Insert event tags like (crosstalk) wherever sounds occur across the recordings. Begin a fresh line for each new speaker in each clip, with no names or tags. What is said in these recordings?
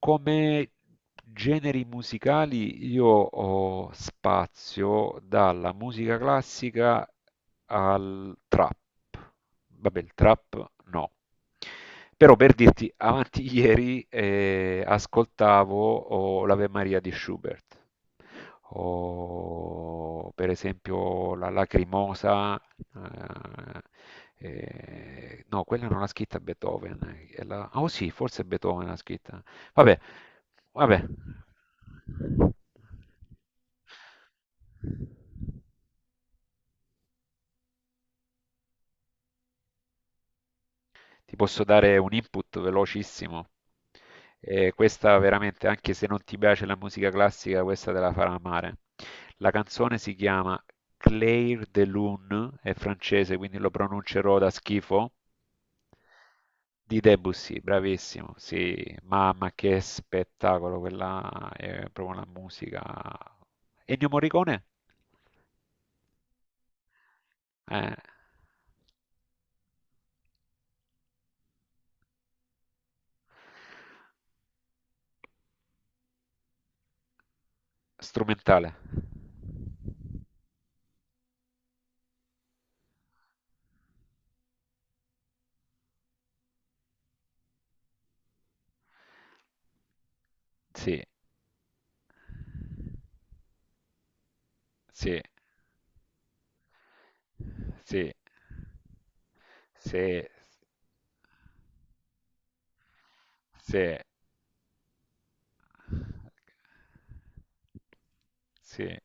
Come generi musicali io ho spazio dalla musica classica al trap. Vabbè, il trap no. Però per dirti, avanti (laughs) ieri ascoltavo l'Ave Maria di Schubert o per esempio la Lacrimosa. eh, no, quella non l'ha scritta Beethoven, oh sì, forse Beethoven l'ha scritta, vabbè, vabbè. Ti posso dare un input velocissimo. E questa veramente, anche se non ti piace la musica classica, questa te la farà amare. La canzone si chiama Clair de Lune, è francese, quindi lo pronuncerò da schifo. Di Debussy, bravissimo, sì, mamma che spettacolo, quella è proprio la musica. Ennio Morricone? Eh, Strumentale, sì, sì, sì, sì, sì. Sì.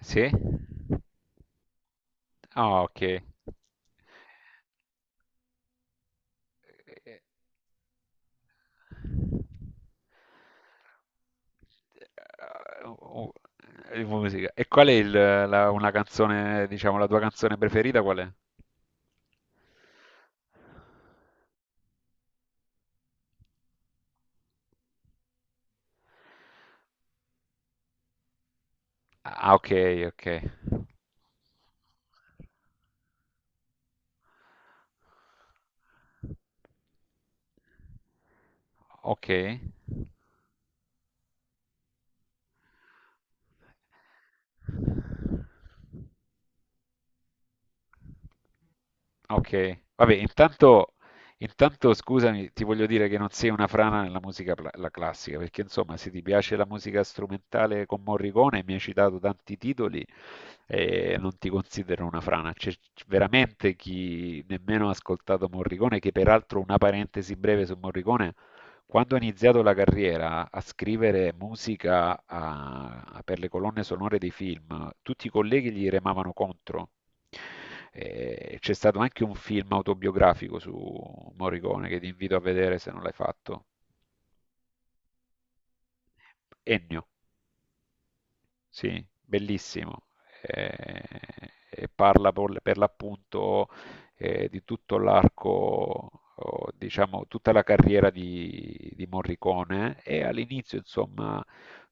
Sì? Ah, ok. Eh, oh, Musica. E qual è una canzone, diciamo, la tua canzone preferita qual è? Ah, ok, ok. Ok. Beh. Okay. Vabbè, intanto scusami, ti voglio dire che non sei una frana nella la classica, perché insomma, se ti piace la musica strumentale con Morricone, mi hai citato tanti titoli, non ti considero una frana. C'è veramente chi nemmeno ha ascoltato Morricone, che peraltro una parentesi breve su Morricone, quando ha iniziato la carriera a scrivere per le colonne sonore dei film, tutti i colleghi gli remavano contro. C'è stato anche un film autobiografico su Morricone che ti invito a vedere se non l'hai fatto. Ennio. Sì, bellissimo. Eh, e parla per l'appunto di tutto l'arco, o, diciamo, tutta la carriera di Morricone e all'inizio, insomma,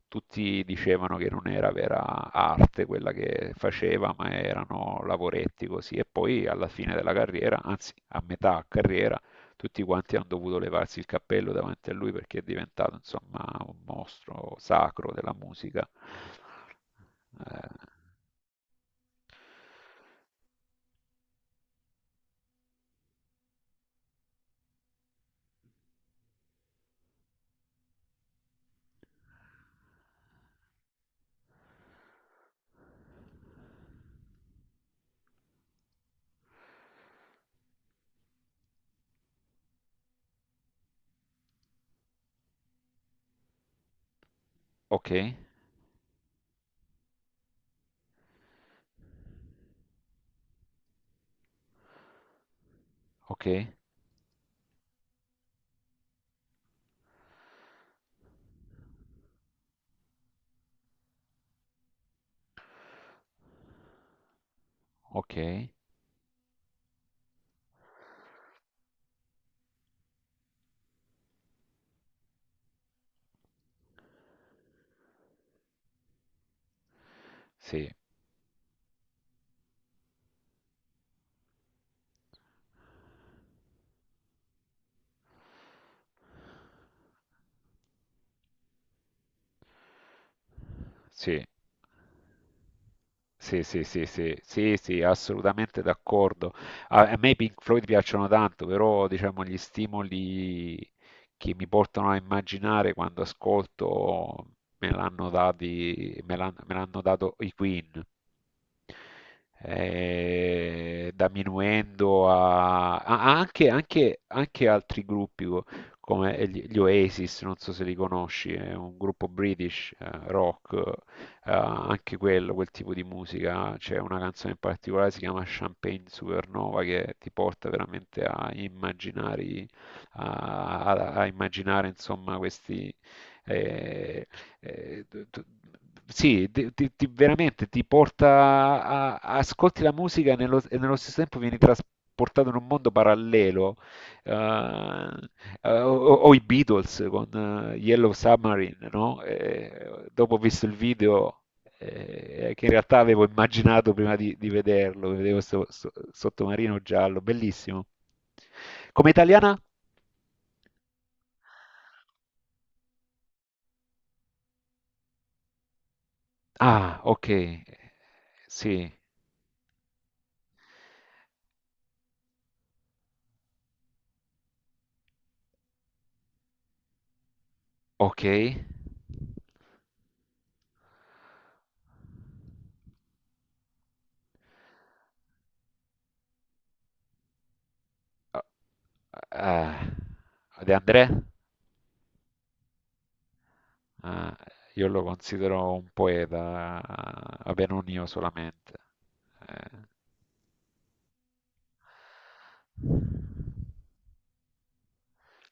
tutti dicevano che non era vera arte quella che faceva, ma erano lavoretti così. E poi alla fine della carriera, anzi a metà carriera, tutti quanti hanno dovuto levarsi il cappello davanti a lui perché è diventato, insomma, un mostro sacro della musica. Eh, ok, ok, ok, sì, sì, sì, sì, sì, sì, sì, sì, assolutamente d'accordo. A me i Pink Floyd piacciono tanto, però diciamo gli stimoli che mi portano a immaginare quando ascolto me l'hanno dati, me l'han- me l'hanno dato i Queen. Eh, da Minuendo anche, anche altri come gli Oasis, non so se li conosci, è un gruppo British rock, anche quello, quel tipo di musica. C'è una canzone in particolare, si chiama Champagne Supernova, che ti porta veramente a immaginare, a immaginare insomma questi eh, eh, t- t- sì, veramente ti porta ascolti la musica e e nello stesso tempo vieni trasportato in un mondo parallelo. eh, o, o i Beatles con Yellow Submarine, no? Dopo ho visto il video che in realtà avevo immaginato prima di vederlo, vedevo questo sottomarino giallo, bellissimo. Come italiana? Ah, ok. Sì, ok. Eh, De André, eh, io lo considero un poeta, vabbè, non io solamente. Eh,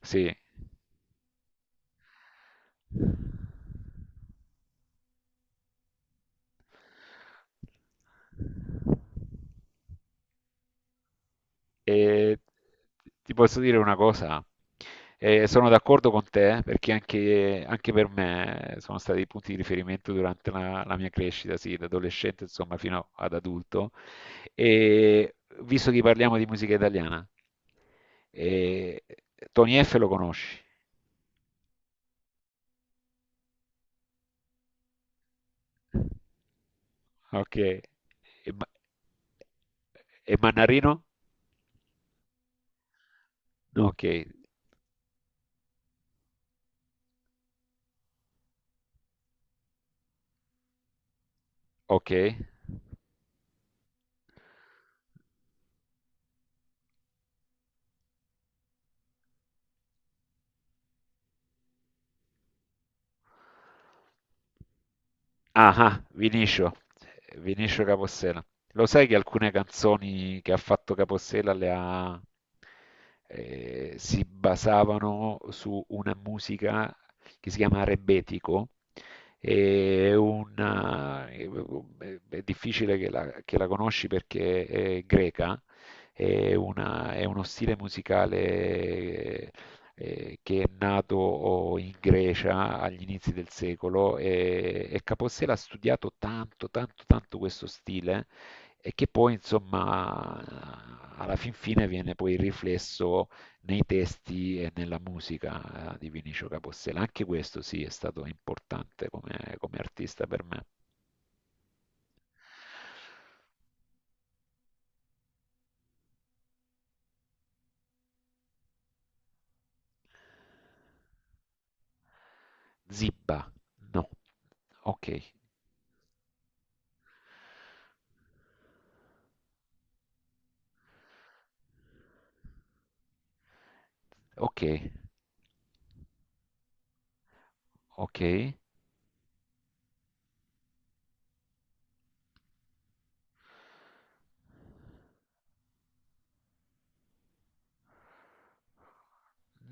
sì. E ti posso dire una cosa, sono d'accordo con te perché anche, anche per me sono stati i punti di riferimento durante la mia crescita, sì, da adolescente insomma fino ad adulto. E visto che parliamo di musica italiana, eh, Tony F lo conosci? Ok. Ma- e Mannarino? No, ok, ok. Vinicio, Vinicio Capossela. Lo sai che alcune canzoni che ha fatto Capossela le ha, si basavano su una musica che si chiama Rebetico, è, una- è- è difficile che che la conosci perché è greca, è uno stile musicale che è nato in Grecia agli inizi del secolo e Capossela ha studiato tanto, tanto, tanto questo stile e che poi, insomma, alla fin fine viene poi riflesso nei testi e nella musica di Vinicio Capostela. Anche questo sì è stato importante come, come artista per me. Zibba, no, ok, ok, ok.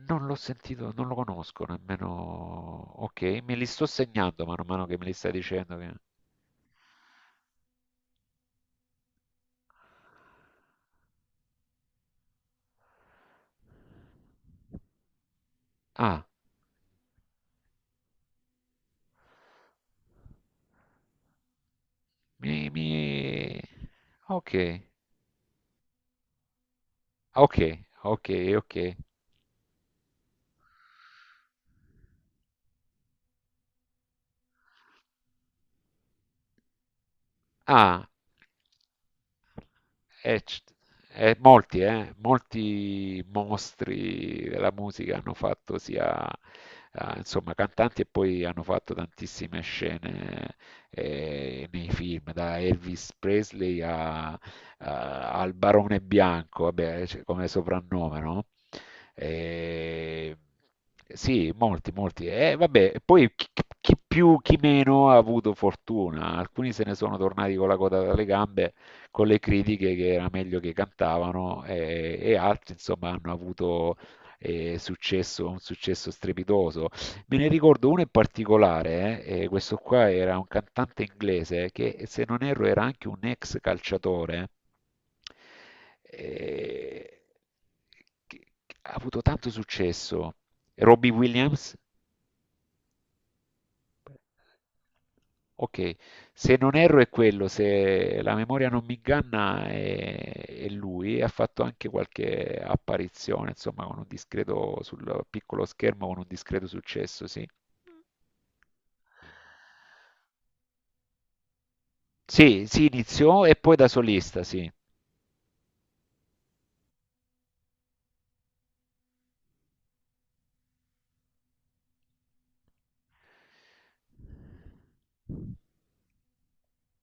Non l'ho sentito, non lo conosco nemmeno. Ok, me li sto segnando man mano che me li stai dicendo. Che... Ah, mi... Ok, ok, ok, ok. Ah, E c- e molti, molti mostri della musica hanno fatto sia, insomma, cantanti e poi hanno fatto tantissime scene nei film, da Elvis Presley a- a- al Barone Bianco, vabbè, cioè, come soprannome, no? E- sì, molti, molti. E vabbè, poi chi, chi più, chi meno ha avuto fortuna. Alcuni se ne sono tornati con la coda dalle gambe con le critiche che era meglio che cantavano e altri, insomma, hanno avuto successo, un successo strepitoso. Me ne ricordo uno in particolare, questo qua era un cantante inglese che, se non erro, era anche un ex calciatore. Eh, che che ha avuto tanto successo. Robbie Williams? Ok, se non erro è quello, se la memoria non mi inganna è lui, e ha fatto anche qualche apparizione, insomma, con un discreto sul piccolo schermo, con un discreto successo, sì. Sì, si iniziò e poi da solista, sì.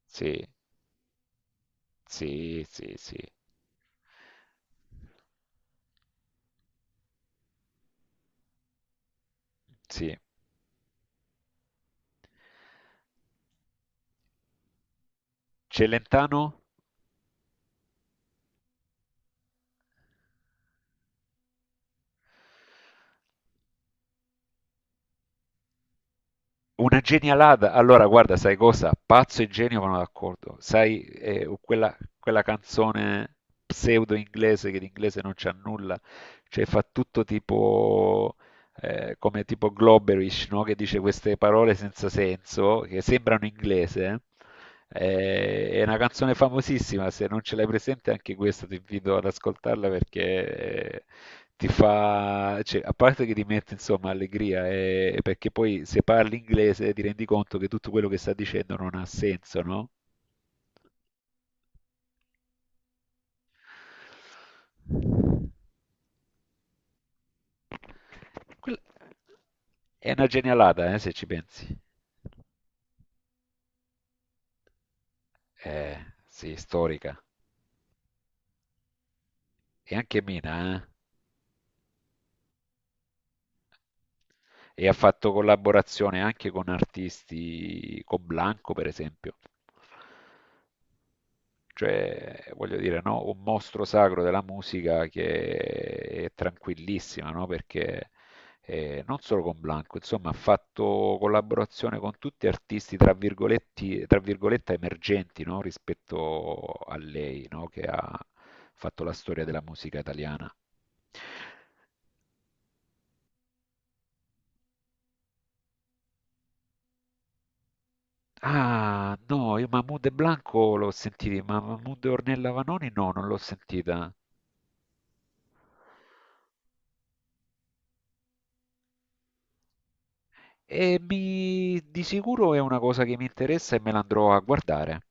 Sì, sì, sì, sì. Sì. Celentano? Una genialata. Allora, guarda, sai cosa? Pazzo e genio vanno d'accordo. Sai, quella canzone pseudo inglese che l'inglese non c'ha nulla, cioè fa tutto tipo come tipo Globerish, no? Che dice queste parole senza senso che sembrano inglese. Eh. È è una canzone famosissima, se non ce l'hai presente anche questa ti invito ad ascoltarla perché ti fa, cioè, a parte che ti mette insomma allegria, e perché poi se parli inglese ti rendi conto che tutto quello che sta dicendo non ha senso, no? Quella- È una genialata, se ci pensi. Eh, sì, storica. E anche Mina, eh. E ha fatto collaborazione anche con artisti, con Blanco per esempio. Cioè, voglio dire, no? Un mostro sacro della musica che è tranquillissima, no? Perché non solo con Blanco, insomma, ha fatto collaborazione con tutti artisti, tra virgoletti, tra virgolette, emergenti, no? Rispetto a lei, no? Che ha fatto la storia della musica italiana. Ah, no, io Mahmood e Blanco l'ho sentito, ma Mahmood e Ornella Vanoni no, non l'ho sentita. E mi, di sicuro è una cosa che mi interessa e me la andrò a guardare.